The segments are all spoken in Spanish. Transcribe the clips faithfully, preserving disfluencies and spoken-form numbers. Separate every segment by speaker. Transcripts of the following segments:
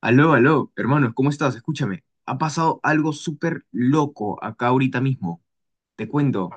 Speaker 1: Aló, aló, hermanos, ¿cómo estás? Escúchame, ha pasado algo súper loco acá ahorita mismo. Te cuento.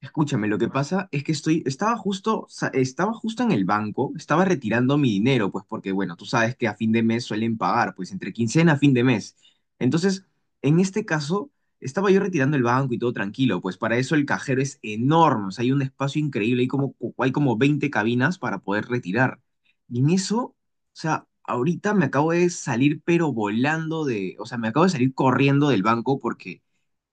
Speaker 1: Escúchame, lo que pasa es que estoy, estaba justo, sa- estaba justo en el banco, estaba retirando mi dinero, pues porque, bueno, tú sabes que a fin de mes suelen pagar, pues entre quincena a fin de mes. Entonces, en este caso, estaba yo retirando el banco y todo tranquilo, pues para eso el cajero es enorme, o sea, hay un espacio increíble, hay como, hay como veinte cabinas para poder retirar. Y en eso, o sea, ahorita me acabo de salir, pero volando de, o sea, me acabo de salir corriendo del banco porque,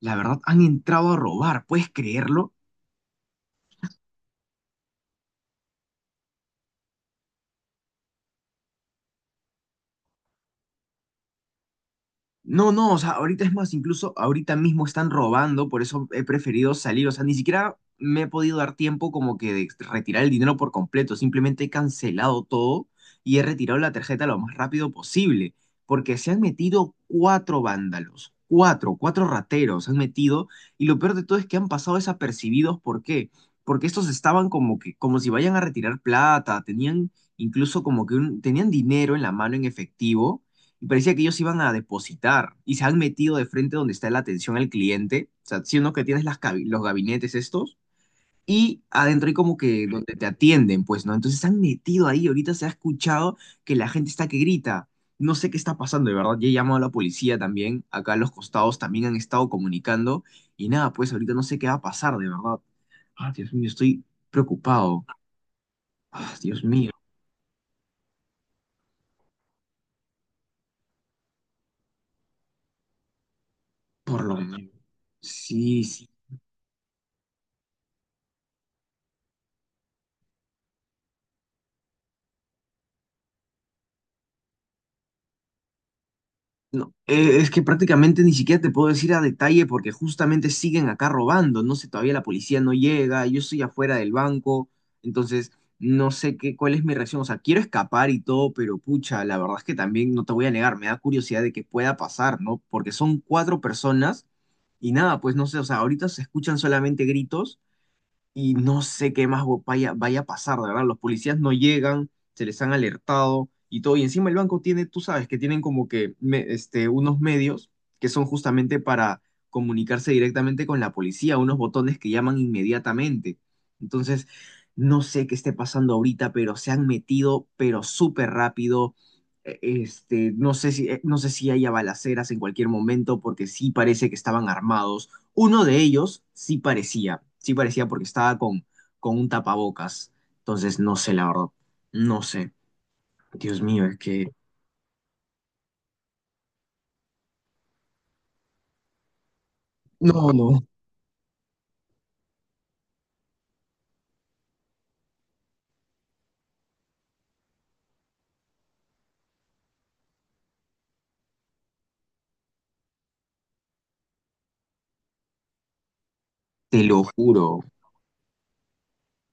Speaker 1: la verdad, han entrado a robar, ¿puedes creerlo? No, no, o sea, ahorita es más, incluso ahorita mismo están robando, por eso he preferido salir, o sea, ni siquiera me he podido dar tiempo como que de retirar el dinero por completo, simplemente he cancelado todo y he retirado la tarjeta lo más rápido posible, porque se han metido cuatro vándalos, cuatro, cuatro rateros se han metido, y lo peor de todo es que han pasado desapercibidos. ¿Por qué? Porque estos estaban como que, como si vayan a retirar plata, tenían incluso como que un- tenían dinero en la mano en efectivo, y parecía que ellos iban a depositar y se han metido de frente donde está la atención al cliente, o sea, siendo que tienes las cabi- los gabinetes estos, y adentro hay como que donde te atienden, pues, ¿no? Entonces se han metido ahí, ahorita se ha escuchado que la gente está que grita. No sé qué está pasando, de verdad. Ya he llamado a la policía también. Acá a los costados también han estado comunicando. Y nada, pues ahorita no sé qué va a pasar, de verdad. Ah, Dios mío, estoy preocupado. Ah, Dios mío, por lo menos. Sí, sí. No, eh, es que prácticamente ni siquiera te puedo decir a detalle porque justamente siguen acá robando. No sé, todavía la policía no llega, yo estoy afuera del banco, entonces no sé qué, cuál es mi reacción. O sea, quiero escapar y todo, pero pucha, la verdad es que también no te voy a negar, me da curiosidad de qué pueda pasar, ¿no? Porque son cuatro personas. Y nada, pues no sé, o sea, ahorita se escuchan solamente gritos y no sé qué más vaya, vaya a pasar, de verdad. Los policías no llegan, se les han alertado y todo. Y encima el banco tiene, tú sabes, que tienen como que me- este, unos medios que son justamente para comunicarse directamente con la policía, unos botones que llaman inmediatamente. Entonces, no sé qué esté pasando ahorita, pero se han metido, pero súper rápido. Eh, Este, no sé si, eh, no sé si haya balaceras en cualquier momento, porque sí parece que estaban armados. Uno de ellos sí parecía, sí parecía porque estaba con, con un tapabocas. Entonces, no sé, la verdad, no sé. Dios mío, es que no, no, te lo juro.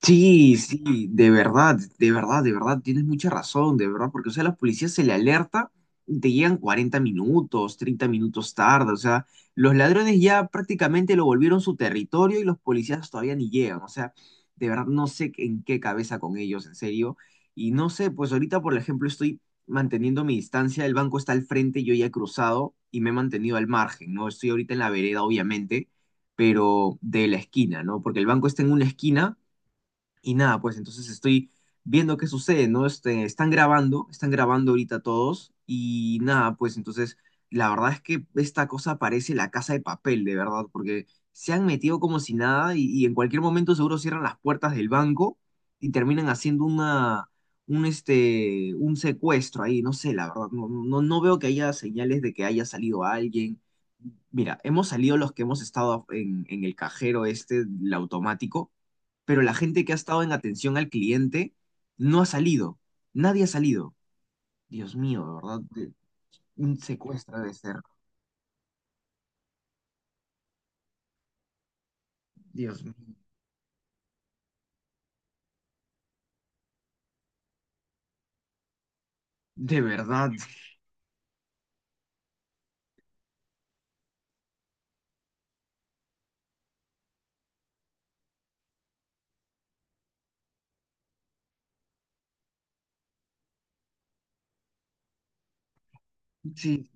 Speaker 1: Sí, sí, de verdad, de verdad, de verdad, tienes mucha razón, de verdad, porque, o sea, los policías se le alerta y te llegan cuarenta minutos, treinta minutos tarde, o sea, los ladrones ya prácticamente lo volvieron su territorio y los policías todavía ni llegan, o sea, de verdad no sé en qué cabeza con ellos, en serio, y no sé, pues ahorita, por ejemplo, estoy manteniendo mi distancia, el banco está al frente, yo ya he cruzado y me he mantenido al margen, ¿no? Estoy ahorita en la vereda, obviamente, pero de la esquina, ¿no? Porque el banco está en una esquina y nada, pues entonces estoy viendo qué sucede, ¿no? Este, están grabando, están grabando ahorita todos y nada, pues entonces la verdad es que esta cosa parece la casa de papel, de verdad, porque se han metido como si nada y, y en cualquier momento seguro cierran las puertas del banco y terminan haciendo una, un, este, un secuestro ahí, no sé, la verdad, no, no, no veo que haya señales de que haya salido alguien. Mira, hemos salido los que hemos estado en, en el cajero este, el automático, pero la gente que ha estado en atención al cliente no ha salido. Nadie ha salido. Dios mío, de verdad, de- un secuestro de ser. Dios mío, de verdad. Sí,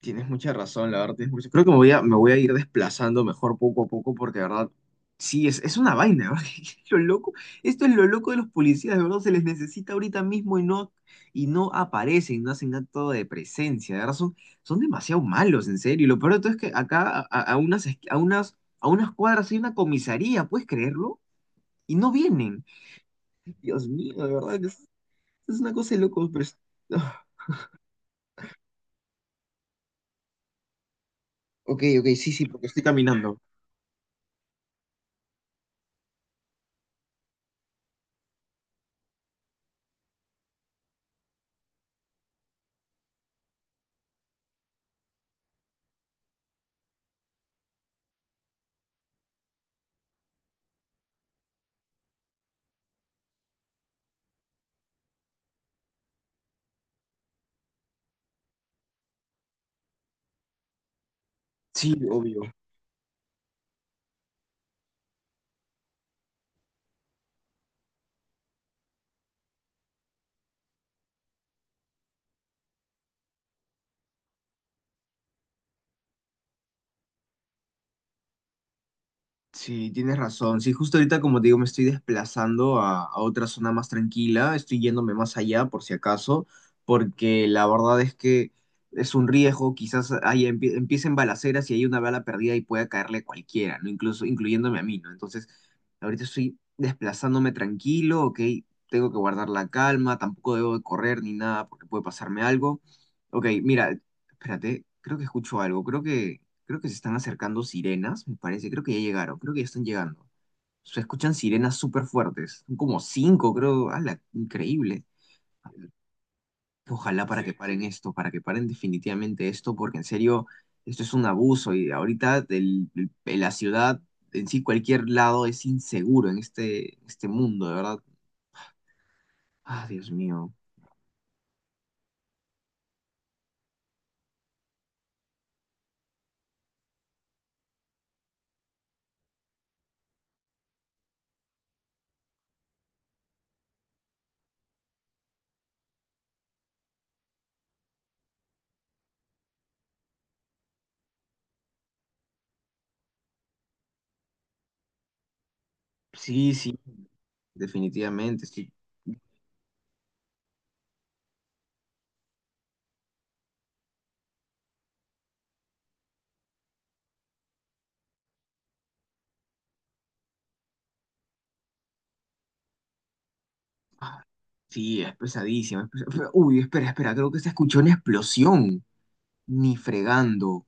Speaker 1: tienes mucha razón, la verdad. tienes mucha- Creo que me voy a, me voy a ir desplazando mejor poco a poco porque, de verdad, sí, es, es una vaina, ¿verdad? Es Lo loco, esto es lo loco de los policías, de verdad, se les necesita ahorita mismo y no, y no aparecen, no hacen acto de presencia, de verdad, son, son demasiado malos, en serio. Y lo peor de todo es que acá a, a unas, esqui- a unas, a unas cuadras hay una comisaría, ¿puedes creerlo? Y no vienen. Dios mío, de verdad, que es, es, una cosa de locos, pero... es- Ok, ok, sí, sí, porque estoy caminando. Sí, obvio. Sí, tienes razón. Sí, justo ahorita, como te digo, me estoy desplazando a, a otra zona más tranquila. Estoy yéndome más allá, por si acaso, porque la verdad es que es un riesgo. Quizás ahí empie- empiecen balaceras y hay una bala perdida y pueda caerle a cualquiera, ¿no? Incluso incluyéndome a mí, ¿no? Entonces, ahorita estoy desplazándome tranquilo, ¿ok? Tengo que guardar la calma, tampoco debo de correr ni nada porque puede pasarme algo. Ok, mira, espérate, creo que escucho algo. Creo que Creo que se están acercando sirenas, me parece. Creo que ya llegaron, creo que ya están llegando. Se escuchan sirenas súper fuertes. Son como cinco, creo. ¡Hala! Increíble. Ojalá para que sí, paren esto, para que paren definitivamente esto, porque en serio, esto es un abuso. Y ahorita el- el- la ciudad en sí, cualquier lado es inseguro en este, este mundo, de verdad. Ah, Dios mío. Sí, sí, definitivamente. Sí, ah, sí es pesadísimo. es pesa- Uy, espera, espera, creo que se escuchó una explosión. Ni fregando.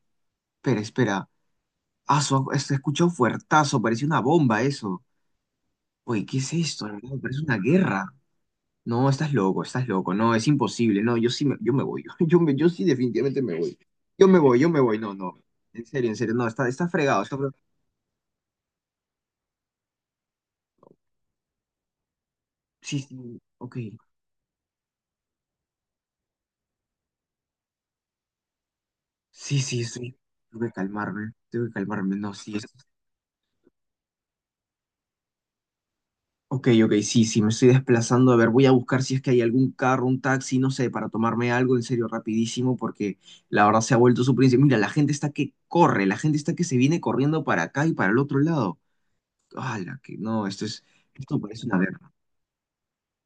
Speaker 1: Pero espera. Ah, su, se escucha un fuertazo. Parece una bomba eso. Oye, ¿qué es esto de verdad? Parece una guerra. No, estás loco, estás loco. No, es imposible. No, yo sí me, yo me voy. Yo, me, yo sí definitivamente me voy. Yo me voy, yo me voy. No, no. En serio, en serio. No, está, está fregado. Está fregado. Sí, sí. Ok. Sí, sí, sí. Tengo que calmarme. Tengo que calmarme. No, sí. Ok, ok, sí, sí, me estoy desplazando. A ver, voy a buscar si es que hay algún carro, un taxi, no sé, para tomarme algo en serio rapidísimo, porque la verdad se ha vuelto su príncipe. Mira, la gente está que corre, la gente está que se viene corriendo para acá y para el otro lado. ¡Hala! Que no, esto es, esto parece una guerra.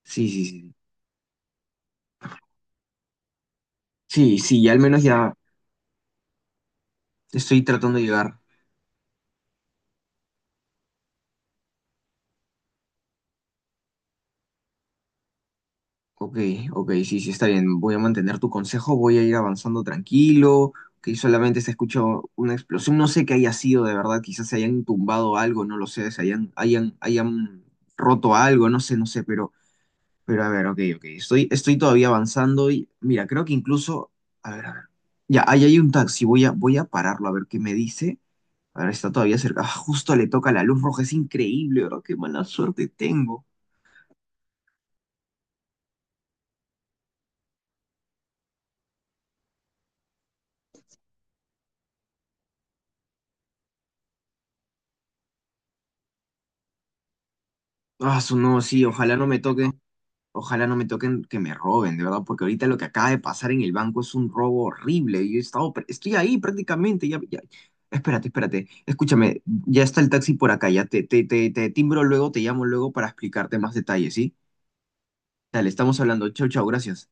Speaker 1: Sí, sí, sí. Sí, sí, ya al menos ya estoy tratando de llegar. Ok, ok, sí, sí, está bien. Voy a mantener tu consejo, voy a ir avanzando tranquilo, que solamente se escuchó una explosión. No sé qué haya sido de verdad, quizás se hayan tumbado algo, no lo sé, se hayan, hayan, hayan roto algo, no sé, no sé, pero, pero a ver, ok, ok. Estoy, estoy todavía avanzando y mira, creo que incluso, a ver, a ver. Ya, ahí hay un taxi, voy a, voy a pararlo a ver qué me dice. A ver, está todavía cerca. Ah, justo le toca la luz roja, es increíble, ¿verdad? Qué mala suerte tengo. Ah, su no, sí, ojalá no me toque. Ojalá no me toquen que me roben, de verdad, porque ahorita lo que acaba de pasar en el banco es un robo horrible. Yo he estado, pr- estoy ahí prácticamente, ya, ya. Espérate, espérate, escúchame, ya está el taxi por acá, ya te, te, te, te timbro luego, te llamo luego para explicarte más detalles, ¿sí? Dale, estamos hablando. Chau, chau, gracias.